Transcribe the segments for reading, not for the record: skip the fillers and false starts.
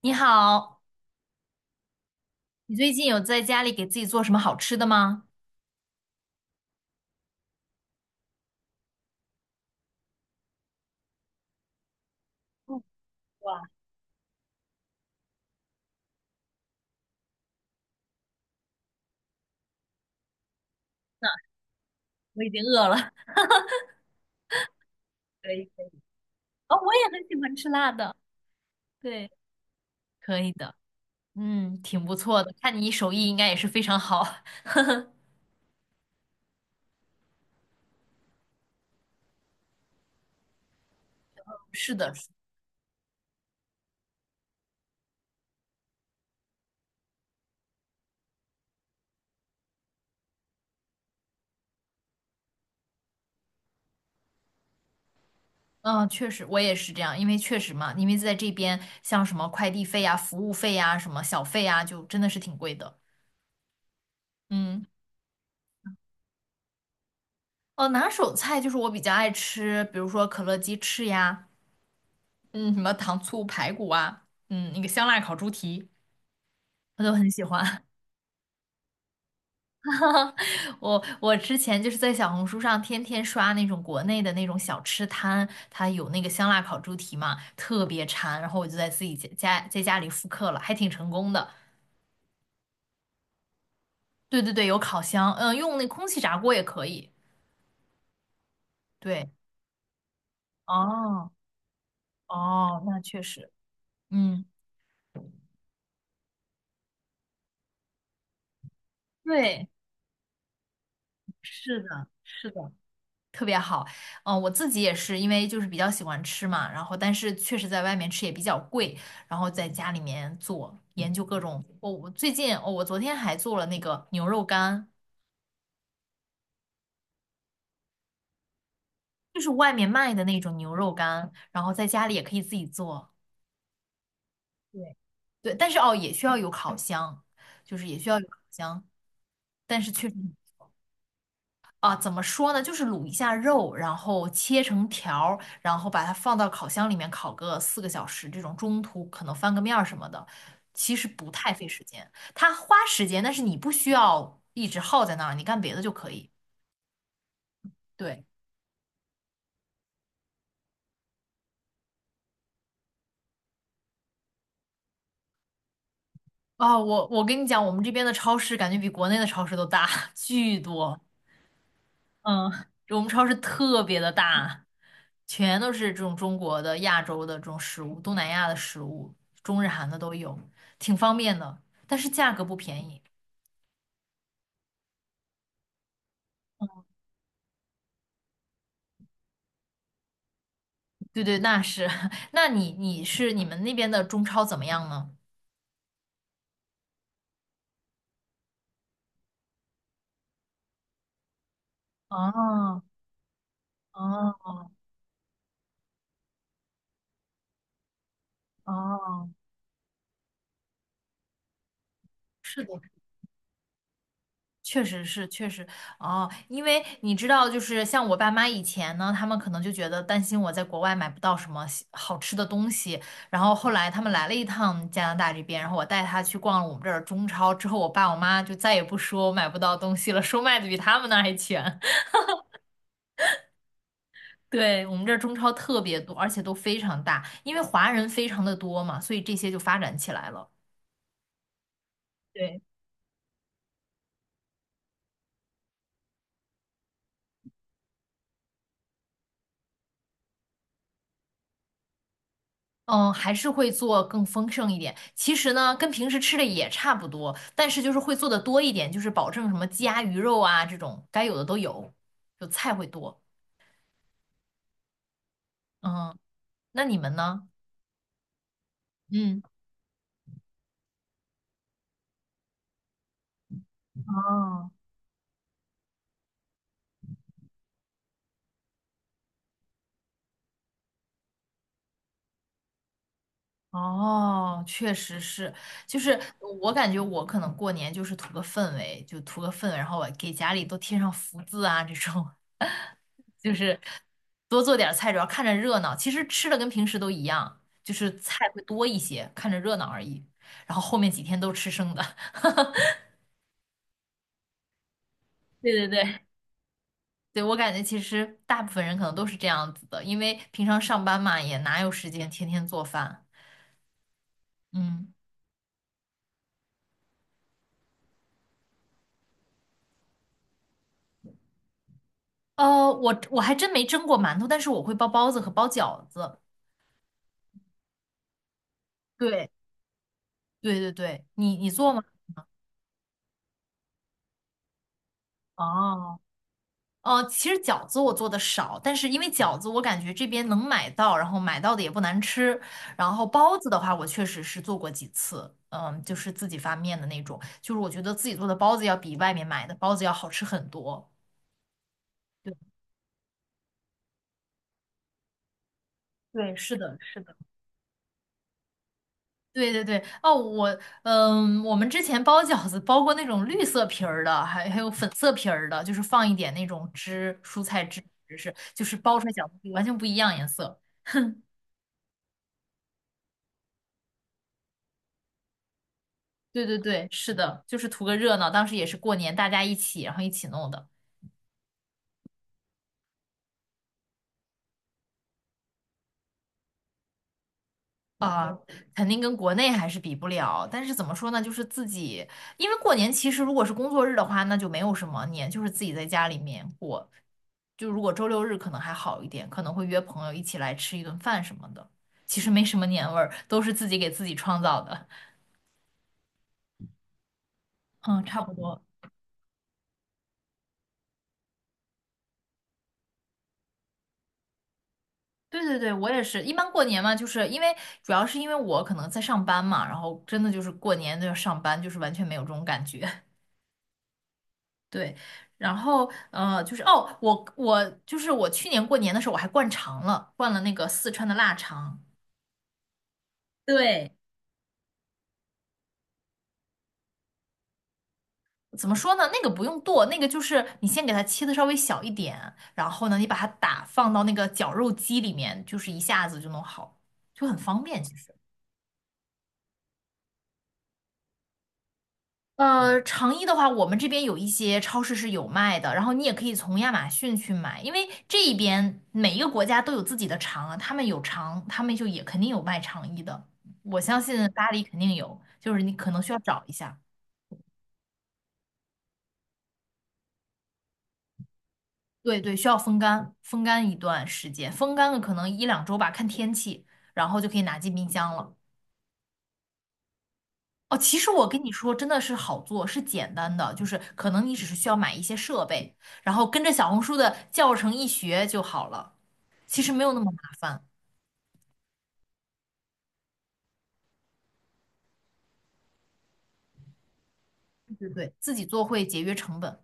你好，你最近有在家里给自己做什么好吃的吗？嗯。哇，我已经饿了。可以可以，哦，我也很喜欢吃辣的。对，可以的。嗯，挺不错的，看你手艺应该也是非常好。是的，是的嗯，确实，我也是这样，因为确实嘛，因为在这边，像什么快递费呀、服务费呀、什么小费呀，就真的是挺贵的。嗯，哦，拿手菜就是我比较爱吃，比如说可乐鸡翅呀，嗯，什么糖醋排骨啊，那个香辣烤猪蹄，我都很喜欢。我之前就是在小红书上天天刷那种国内的那种小吃摊，它有那个香辣烤猪蹄嘛，特别馋，然后我就在自己家在家里复刻了，还挺成功的。对对对，有烤箱，嗯，用那空气炸锅也可以。对，哦哦，那确实，嗯，对，是的，是的。特别好。我自己也是，因为就是比较喜欢吃嘛，然后但是确实在外面吃也比较贵，然后在家里面做，研究各种。我最近哦，我昨天还做了那个牛肉干，就是外面卖的那种牛肉干，然后在家里也可以自己做。对，对，但是哦，也需要有烤箱，就是也需要有烤箱，但是确实。啊，怎么说呢？就是卤一下肉，然后切成条儿，然后把它放到烤箱里面烤个4个小时，这种中途可能翻个面儿什么的，其实不太费时间。它花时间，但是你不需要一直耗在那儿，你干别的就可以。对，啊，我跟你讲，我们这边的超市感觉比国内的超市都大，巨多。嗯，我们超市特别的大，全都是这种中国的、亚洲的这种食物，东南亚的食物，中日韩的都有，挺方便的，但是价格不便宜。对对，那是。那你们那边的中超怎么样呢？哦哦哦，是的，确实是，确实哦，因为你知道，就是像我爸妈以前呢，他们可能就觉得担心我在国外买不到什么西好吃的东西，然后后来他们来了一趟加拿大这边，然后我带他去逛了我们这儿中超之后，我爸我妈就再也不说我买不到东西了，说卖的比他们那儿还全。对，我们这儿中超特别多，而且都非常大，因为华人非常的多嘛，所以这些就发展起来了。对。嗯，还是会做更丰盛一点。其实呢，跟平时吃的也差不多，但是就是会做的多一点，就是保证什么鸡鸭鱼肉啊这种该有的都有，就菜会多。嗯，那你们呢？嗯，哦哦，确实是，就是我感觉我可能过年就是图个氛围，就图个氛围，然后我给家里都贴上福字啊这种。就是多做点儿菜，主要看着热闹。其实吃的跟平时都一样，就是菜会多一些，看着热闹而已。然后后面几天都吃生的。对对对，对，我感觉其实大部分人可能都是这样子的，因为平常上班嘛，也哪有时间天天做饭。嗯，我还真没蒸过馒头，但是我会包包子和包饺子。对对对对，你做吗？哦。其实饺子我做的少，但是因为饺子我感觉这边能买到，然后买到的也不难吃。然后包子的话，我确实是做过几次，嗯，就是自己发面的那种，就是我觉得自己做的包子要比外面买的包子要好吃很多。对，对，是的，是的，对对对。哦，我们之前包饺子包过那种绿色皮儿的，还有粉色皮儿的，就是放一点那种汁，蔬菜汁，是就是包出来饺子完全不一样颜色。对对对，是的，就是图个热闹。当时也是过年，大家一起，然后一起弄的啊，肯定跟国内还是比不了。但是怎么说呢，就是自己，因为过年其实如果是工作日的话，那就没有什么年，就是自己在家里面过。就如果周六日可能还好一点，可能会约朋友一起来吃一顿饭什么的，其实没什么年味儿，都是自己给自己创造的。嗯，差不多。对对对，我也是。一般过年嘛，就是因为主要是因为我可能在上班嘛，然后真的就是过年都要上班，就是完全没有这种感觉。对，然后就是我去年过年的时候我还灌肠了，灌了那个四川的腊肠。对，怎么说呢？那个不用剁，那个就是你先给它切的稍微小一点，然后呢，你把它放到那个绞肉机里面，就是一下子就弄好，就很方便。其实。成衣的话，我们这边有一些超市是有卖的，然后你也可以从亚马逊去买，因为这一边每一个国家都有自己的长啊，他们有长，他们就也肯定有卖长衣的，我相信巴黎肯定有，就是你可能需要找一下，对对，需要风干，风干一段时间，风干了可能1-2周吧，看天气，然后就可以拿进冰箱了。哦，其实我跟你说，真的是好做，是简单的，就是可能你只是需要买一些设备，然后跟着小红书的教程一学就好了。其实没有那么麻烦。对对对，自己做会节约成本。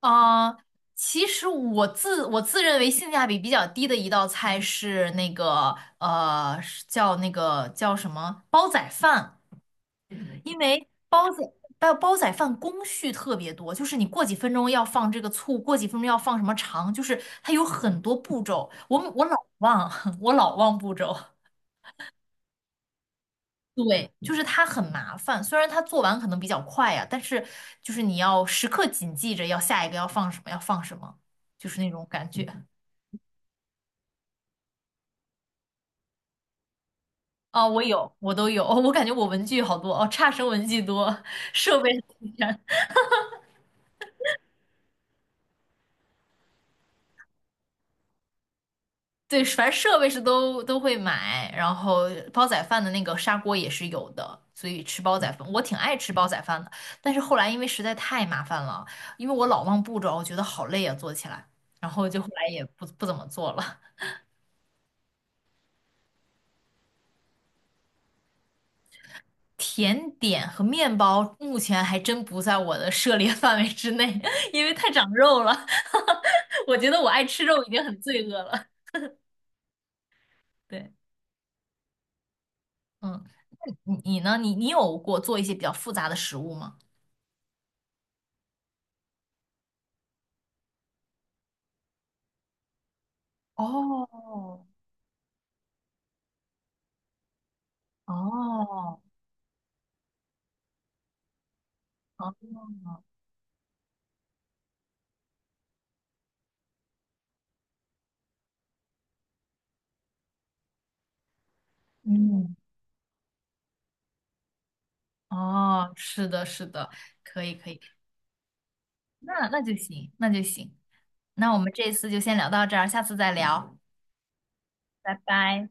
啊、其实我自认为性价比比较低的一道菜是那个呃，是叫那个叫什么煲仔饭，因为煲仔饭工序特别多，就是你过几分钟要放这个醋，过几分钟要放什么肠，就是它有很多步骤，我老忘，我老忘步骤。对，就是它很麻烦，虽然它做完可能比较快啊，但是就是你要时刻谨记着要下一个要放什么，要放什么，就是那种感觉。啊。我有，我都有，哦我感觉我文具好多，哦，差生文具多，设备是第三 对，反正设备是都会买，然后煲仔饭的那个砂锅也是有的，所以吃煲仔饭，我挺爱吃煲仔饭的，但是后来因为实在太麻烦了，因为我老忘步骤，哦我觉得好累啊，做起来，然后就后来也不怎么做了。甜点和面包目前还真不在我的涉猎 范围之内，因为太长肉了。我觉得我爱吃肉已经很罪恶了。对，嗯，你呢？你有过做一些比较复杂的食物吗？哦哦，哦，嗯，哦，是的，是的，可以，可以，那那就行，那就行。那我们这一次就先聊到这儿，下次再聊，拜拜。